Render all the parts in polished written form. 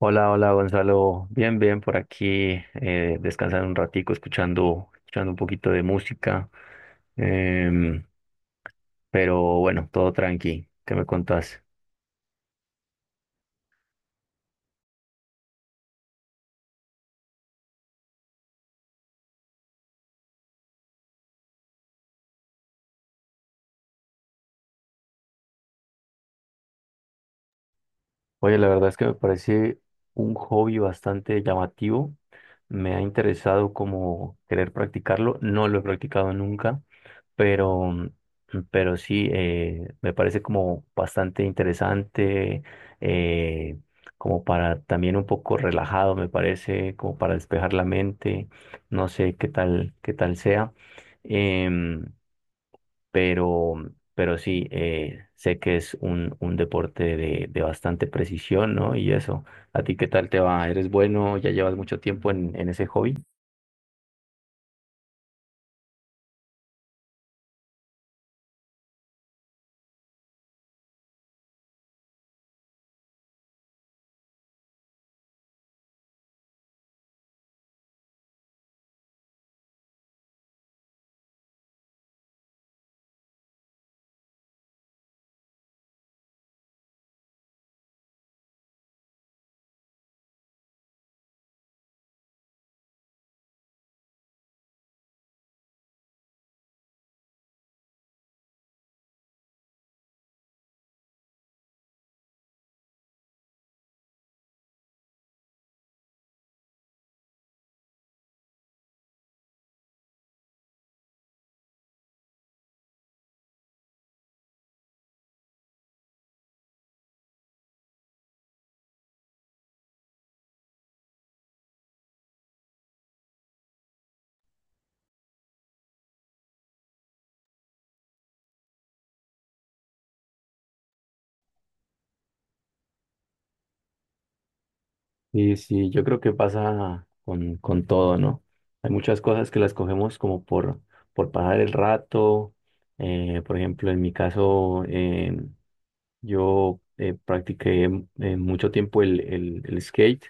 Hola, hola Gonzalo, bien, bien por aquí, descansando un ratico, escuchando un poquito de música, em, pero bueno, todo tranqui, ¿qué me contás? Oye, la verdad es que me parece un hobby bastante llamativo. Me ha interesado como querer practicarlo. No lo he practicado nunca, pero, pero sí, me parece como bastante interesante, eh, como para también un poco relajado, me parece, como para despejar la mente. No sé qué tal sea. Em, pero, pero sí, sé que es un deporte de bastante precisión, ¿no? Y eso, ¿a ti qué tal te va? ¿Eres bueno? ¿Ya llevas mucho tiempo en ese hobby? Sí, sí, yo creo que pasa con todo, ¿no? Hay muchas cosas que las cogemos como por pasar el rato. Eh, por ejemplo, en mi caso, yo practiqué mucho tiempo el skate.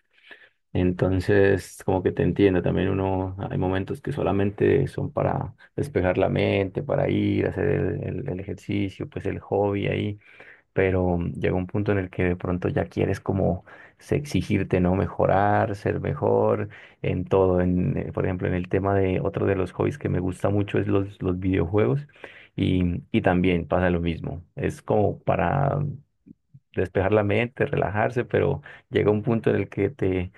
Entonces, como que te entiendo, también uno, hay momentos que solamente son para despejar la mente, para ir, hacer el ejercicio, pues el hobby ahí, pero llega un punto en el que de pronto ya quieres como exigirte, ¿no? Mejorar, ser mejor en todo, en, por ejemplo, en el tema de otro de los hobbies que me gusta mucho es los videojuegos y, y también pasa lo mismo, es como para despejar la mente, relajarse, pero llega un punto en el que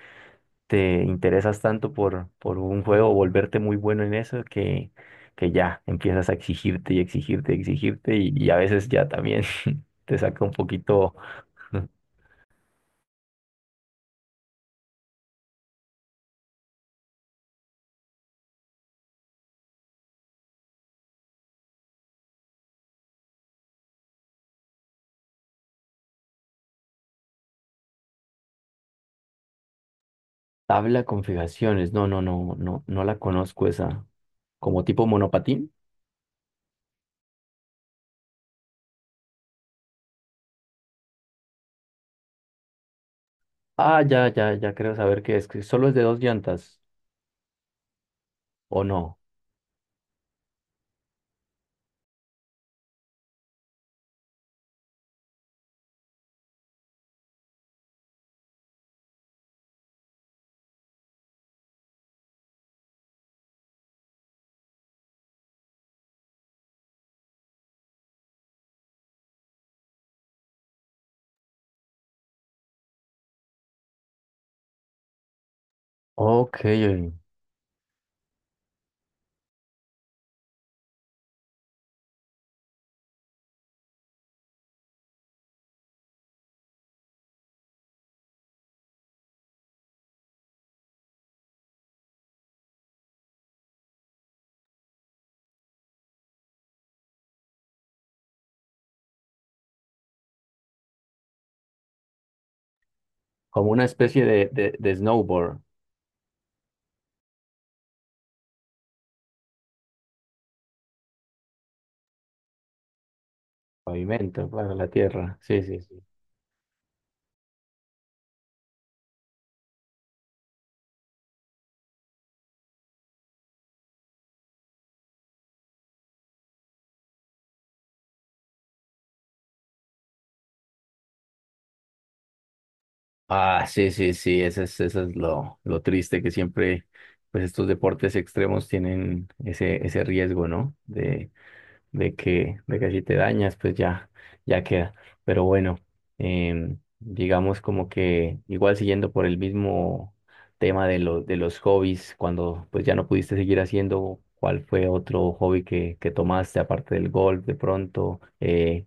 te interesas tanto por un juego, volverte muy bueno en eso, que ya empiezas a exigirte y exigirte y exigirte y a veces ya también te saca un poquito. Tabla de configuraciones, no, no, no, no, no la conozco esa. ¿Como tipo monopatín? Ah, ya, ya, ya creo saber qué es, que solo es de dos llantas, ¿o no? Ok, como una especie de snowboard, pavimento para la tierra, sí, sí, sí. Ah, sí, sí, sí, ese es lo triste que siempre, pues estos deportes extremos tienen ese, ese riesgo, ¿no? De que si te dañas, pues ya, ya queda. Pero bueno, digamos como que igual siguiendo por el mismo tema de lo, de los hobbies, cuando pues ya no pudiste seguir haciendo, ¿cuál fue otro hobby que tomaste aparte del golf de pronto?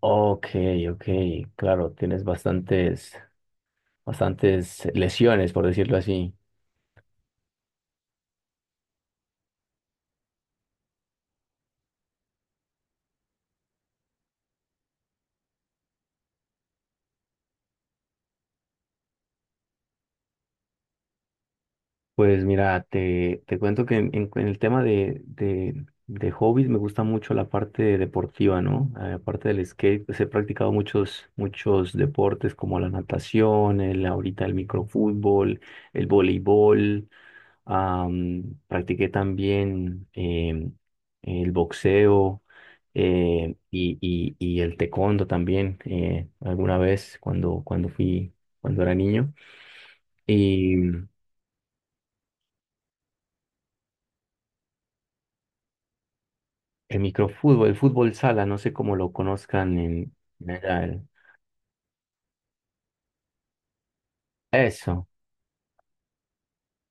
Ok, ok, claro, tienes bastantes. Bastantes lesiones, por decirlo así. Pues mira, te cuento que en el tema de hobbies me gusta mucho la parte deportiva, ¿no? Aparte del skate, pues he practicado muchos, muchos deportes como la natación, el, ahorita el microfútbol, el voleibol. Practiqué también el boxeo, y el taekwondo también, alguna vez cuando fui, cuando era niño. Y el microfútbol, el fútbol sala, no sé cómo lo conozcan en general. Eso.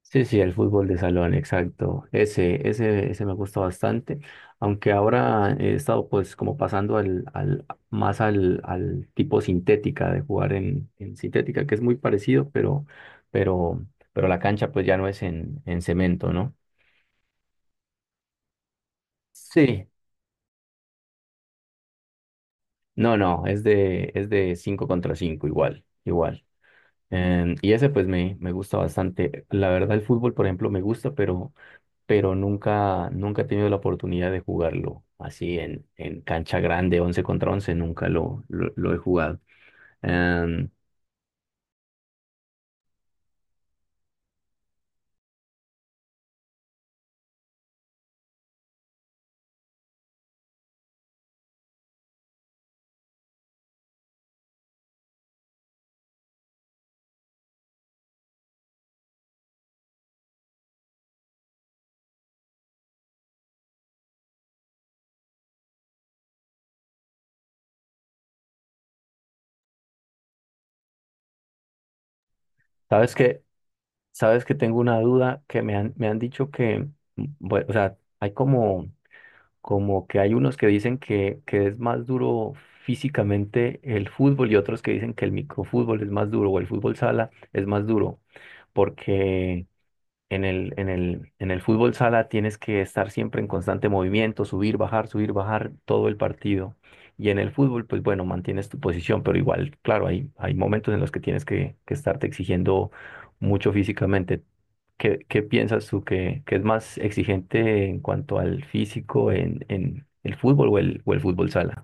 Sí, sí, el fútbol de salón, exacto. Ese me gusta bastante. Aunque ahora he estado pues como pasando más al tipo sintética de jugar en sintética, que es muy parecido, pero, pero la cancha pues ya no es en cemento, ¿no? Sí. No, no, es de 5 contra cinco, igual, igual. Em, y ese pues me gusta bastante. La verdad el fútbol, por ejemplo, me gusta, pero nunca, nunca he tenido la oportunidad de jugarlo así en cancha grande, 11 contra 11 nunca lo he jugado. Em, ¿sabes que ¿Sabes que tengo una duda que me han dicho que, bueno, o sea, como que hay unos que dicen que es más duro físicamente el fútbol y otros que dicen que el microfútbol es más duro o el fútbol sala es más duro, porque en en el fútbol sala tienes que estar siempre en constante movimiento, subir, bajar todo el partido. Y en el fútbol, pues bueno, mantienes tu posición, pero igual, claro, hay momentos en los que tienes que estarte exigiendo mucho físicamente. ¿Qué, qué piensas tú que es más exigente en cuanto al físico en el fútbol o o el fútbol sala?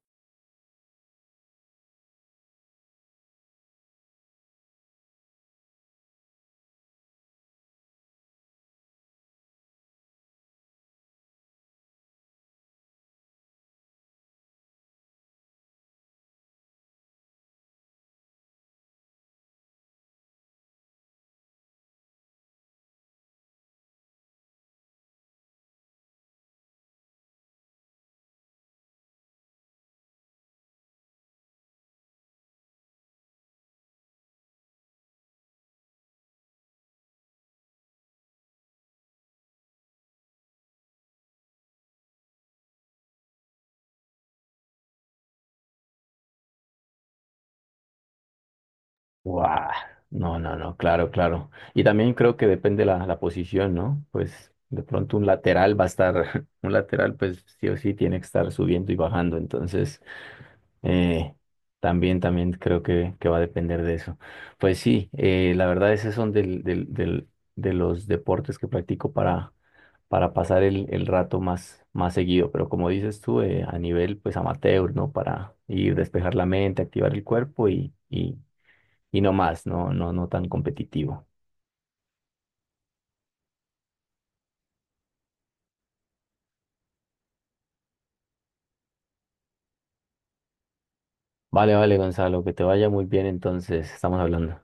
Guau, no, no, no, claro, claro. Y también creo que depende la, la posición, ¿no? Pues de pronto un lateral va a estar, un lateral pues sí o sí tiene que estar subiendo y bajando, entonces eh, también, también creo que va a depender de eso. Pues sí, la verdad esos son de los deportes que practico para pasar el rato más, más seguido, pero como dices tú, a nivel pues amateur, ¿no? Para ir despejar la mente, activar el cuerpo y no más, no, no, no tan competitivo. Vale, vale, Gonzalo, que te vaya muy bien entonces, estamos hablando.